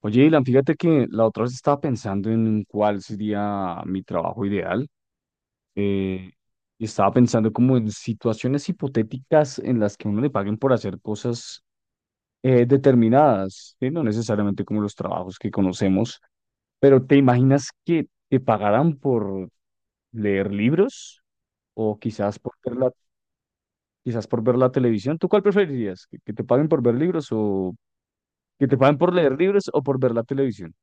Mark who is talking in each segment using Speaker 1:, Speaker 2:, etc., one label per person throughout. Speaker 1: Oye, Ilan, fíjate que la otra vez estaba pensando en cuál sería mi trabajo ideal. eh, y estaba pensando como en situaciones hipotéticas en las que uno le paguen por hacer cosas determinadas, ¿sí? No necesariamente como los trabajos que conocemos, pero ¿te imaginas que te pagaran por leer libros o quizás por ver la, quizás por ver la televisión? ¿Tú cuál preferirías? ¿Que te paguen por ver libros o que te paguen por leer libros o por ver la televisión?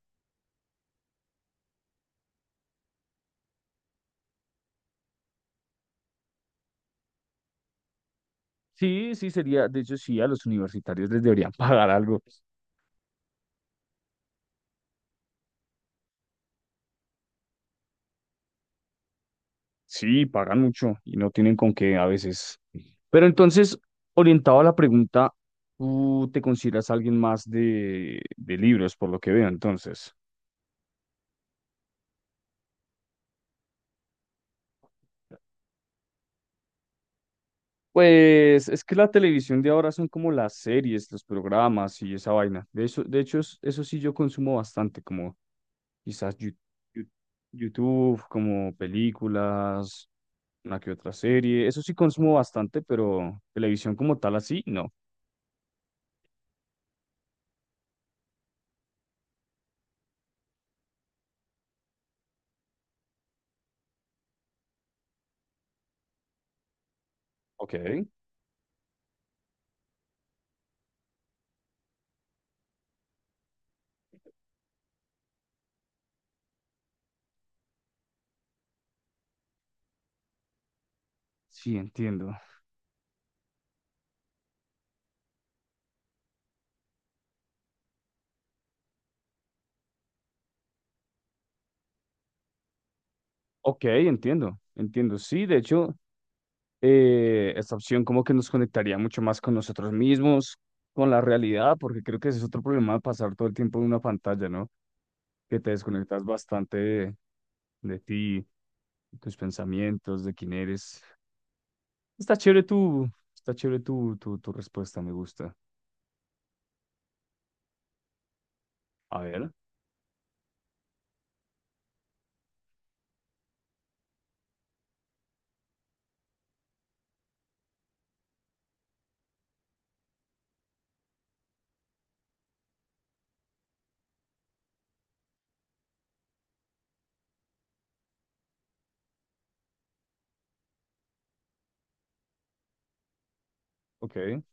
Speaker 1: Sí, sí, sería, de hecho, sí, a los universitarios les deberían pagar algo. Sí, pagan mucho y no tienen con qué a veces. Pero entonces, orientado a la pregunta, tú te consideras alguien más de libros, por lo que veo, entonces. Pues es que la televisión de ahora son como las series, los programas y esa vaina. De eso, de hecho, eso sí yo consumo bastante, como Quizás Yu- YouTube, como películas, una que otra serie. Eso sí consumo bastante, pero televisión como tal así, no. Ok. Sí, entiendo. Ok, entiendo, entiendo. Sí, de hecho, esta opción como que nos conectaría mucho más con nosotros mismos, con la realidad, porque creo que ese es otro problema de pasar todo el tiempo en una pantalla, ¿no? Que te desconectas bastante de ti, de tus pensamientos, de quién eres. Está chévere tu, Está chévere tu respuesta, me gusta. A ver, ok.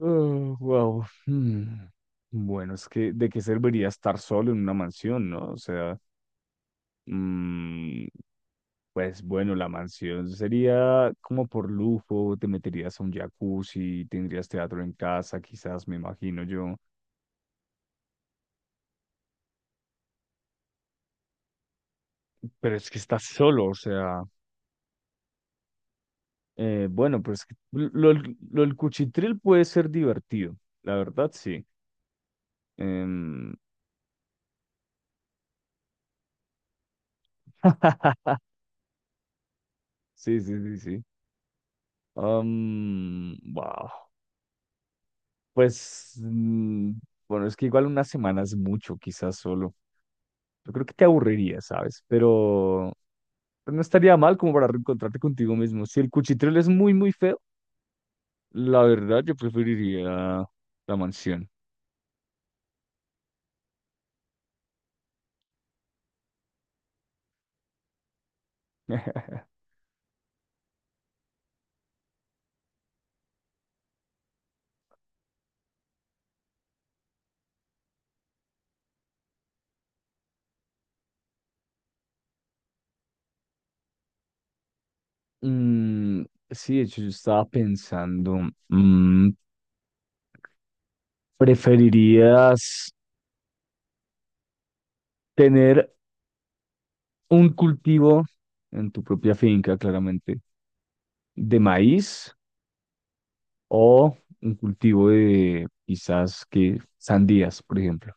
Speaker 1: Oh, wow. Hmm. Bueno, es que ¿de qué serviría estar solo en una mansión, no? O sea, mm, pues bueno, la mansión sería como por lujo, te meterías a un jacuzzi, tendrías teatro en casa, quizás, me imagino yo. Pero es que estás solo, o sea, bueno, pues el cuchitril puede ser divertido, la verdad, sí. Em, Sí, sí, sí, sí. Wow. Pues, mm, bueno, es que igual una semana es mucho, quizás solo. Yo creo que te aburriría, ¿sabes? Pero no estaría mal como para reencontrarte contigo mismo. Si el cuchitril es muy, muy feo, la verdad yo preferiría la mansión. Mm, sí, de hecho, yo estaba pensando, mm, ¿preferirías tener un cultivo en tu propia finca, claramente? De maíz o un cultivo de quizás que sandías, por ejemplo.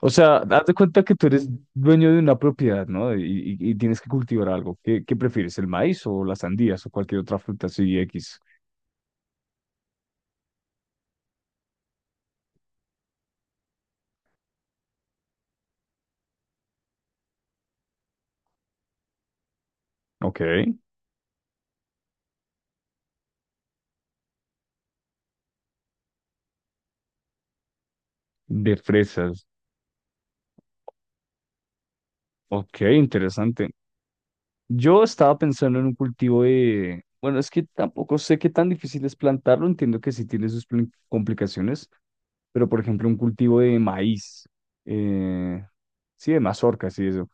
Speaker 1: O sea, haz de cuenta que tú eres dueño de una propiedad, ¿no? Y tienes que cultivar algo. ¿Qué prefieres, el maíz o las sandías o cualquier otra fruta así X? Ok. De fresas. Ok, interesante. Yo estaba pensando en un cultivo de... Bueno, es que tampoco sé qué tan difícil es plantarlo. Entiendo que sí tiene sus complicaciones. Pero por ejemplo un cultivo de maíz, eh, sí, de mazorcas y eso,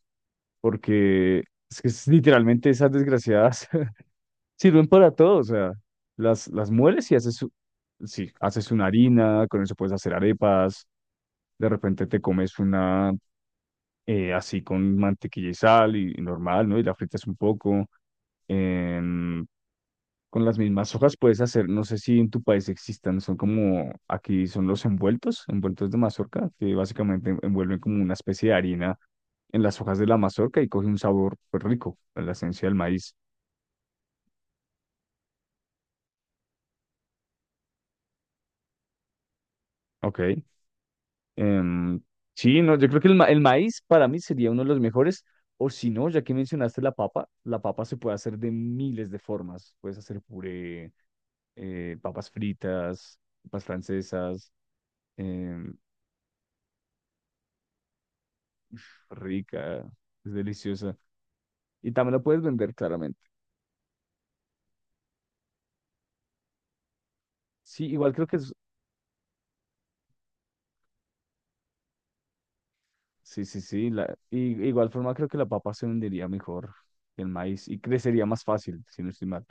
Speaker 1: porque es que es literalmente esas desgraciadas sirven para todo, o sea, las mueles y haces, sí, haces una harina, con eso puedes hacer arepas, de repente te comes una así con mantequilla y sal y normal, ¿no? Y la fritas un poco. em, Con las mismas hojas puedes hacer, no sé si en tu país existan, son como, aquí son los envueltos, envueltos de mazorca, que básicamente envuelven como una especie de harina en las hojas de la mazorca y coge un sabor pues, rico, en la esencia del maíz. Ok. em, sí, no, yo creo que el maíz para mí sería uno de los mejores, o si no, ya que mencionaste la papa se puede hacer de miles de formas. Puedes hacer puré, papas fritas, papas francesas, em, rica, es deliciosa. Y también lo puedes vender claramente. Sí, igual creo que es, sí, sí, sí. La, y, igual forma creo que la papa se vendería mejor que el maíz y crecería más fácil, si no estoy mal.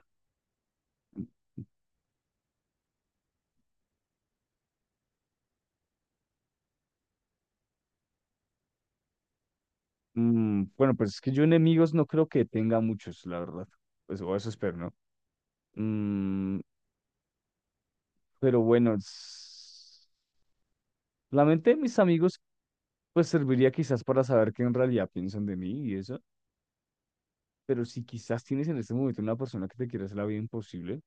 Speaker 1: Bueno, pues es que yo enemigos no creo que tenga muchos, la verdad. Pues o eso espero, ¿no? Mm, pero bueno, la mente de mis amigos pues serviría quizás para saber qué en realidad piensan de mí y eso. Pero si quizás tienes en este momento una persona que te quiere hacer la vida imposible,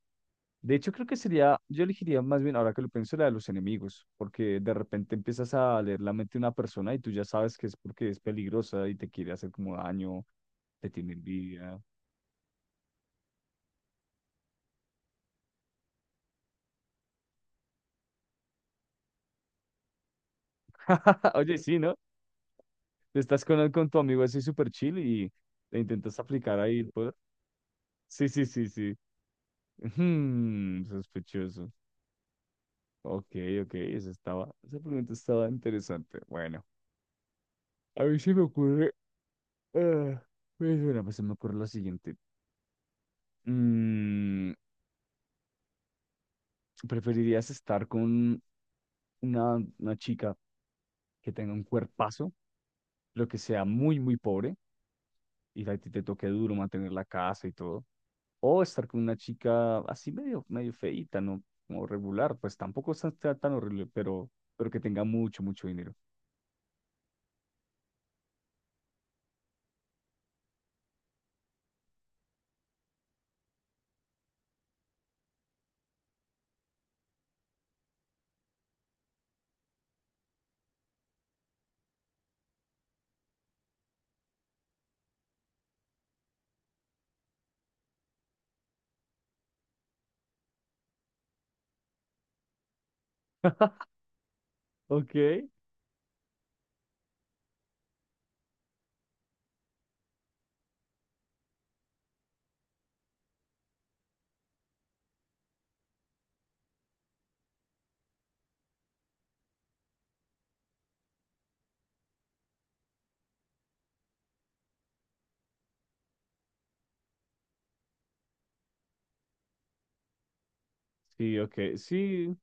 Speaker 1: de hecho, creo que sería, yo elegiría más bien, ahora que lo pienso, la de los enemigos, porque de repente empiezas a leer la mente de una persona y tú ya sabes que es porque es peligrosa y te quiere hacer como daño, te tiene envidia. Oye, sí, ¿no? Estás con tu amigo así súper chill y le intentas aplicar ahí el poder. Sí, sí, sí, sí. Ujú, sospechoso. Ok, ok, esa estaba, esa pregunta estaba interesante. Bueno, a ver si me ocurre, ah, pues bueno, pues se me ocurre lo siguiente. Mm, ¿Preferirías estar con una chica que tenga un cuerpazo, lo que sea muy, muy pobre, y a ti te toque duro mantener la casa y todo? ¿O estar con una chica así medio, medio feíta, no como regular? Pues tampoco está tan horrible, pero que tenga mucho, mucho dinero. Ok, sí, ok, sí,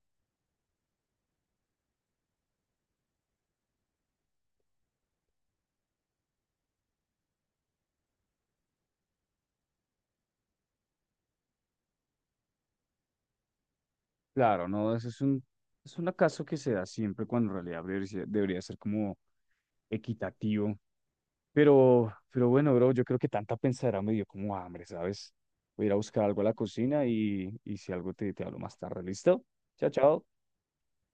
Speaker 1: claro, no, eso es un acaso que se da siempre cuando en realidad debería ser como equitativo. Pero bueno, bro, yo creo que tanta pensadera me dio como hambre, ¿sabes? Voy a ir a buscar algo a la cocina y si algo te hablo más tarde, ¿listo? Chao, chao.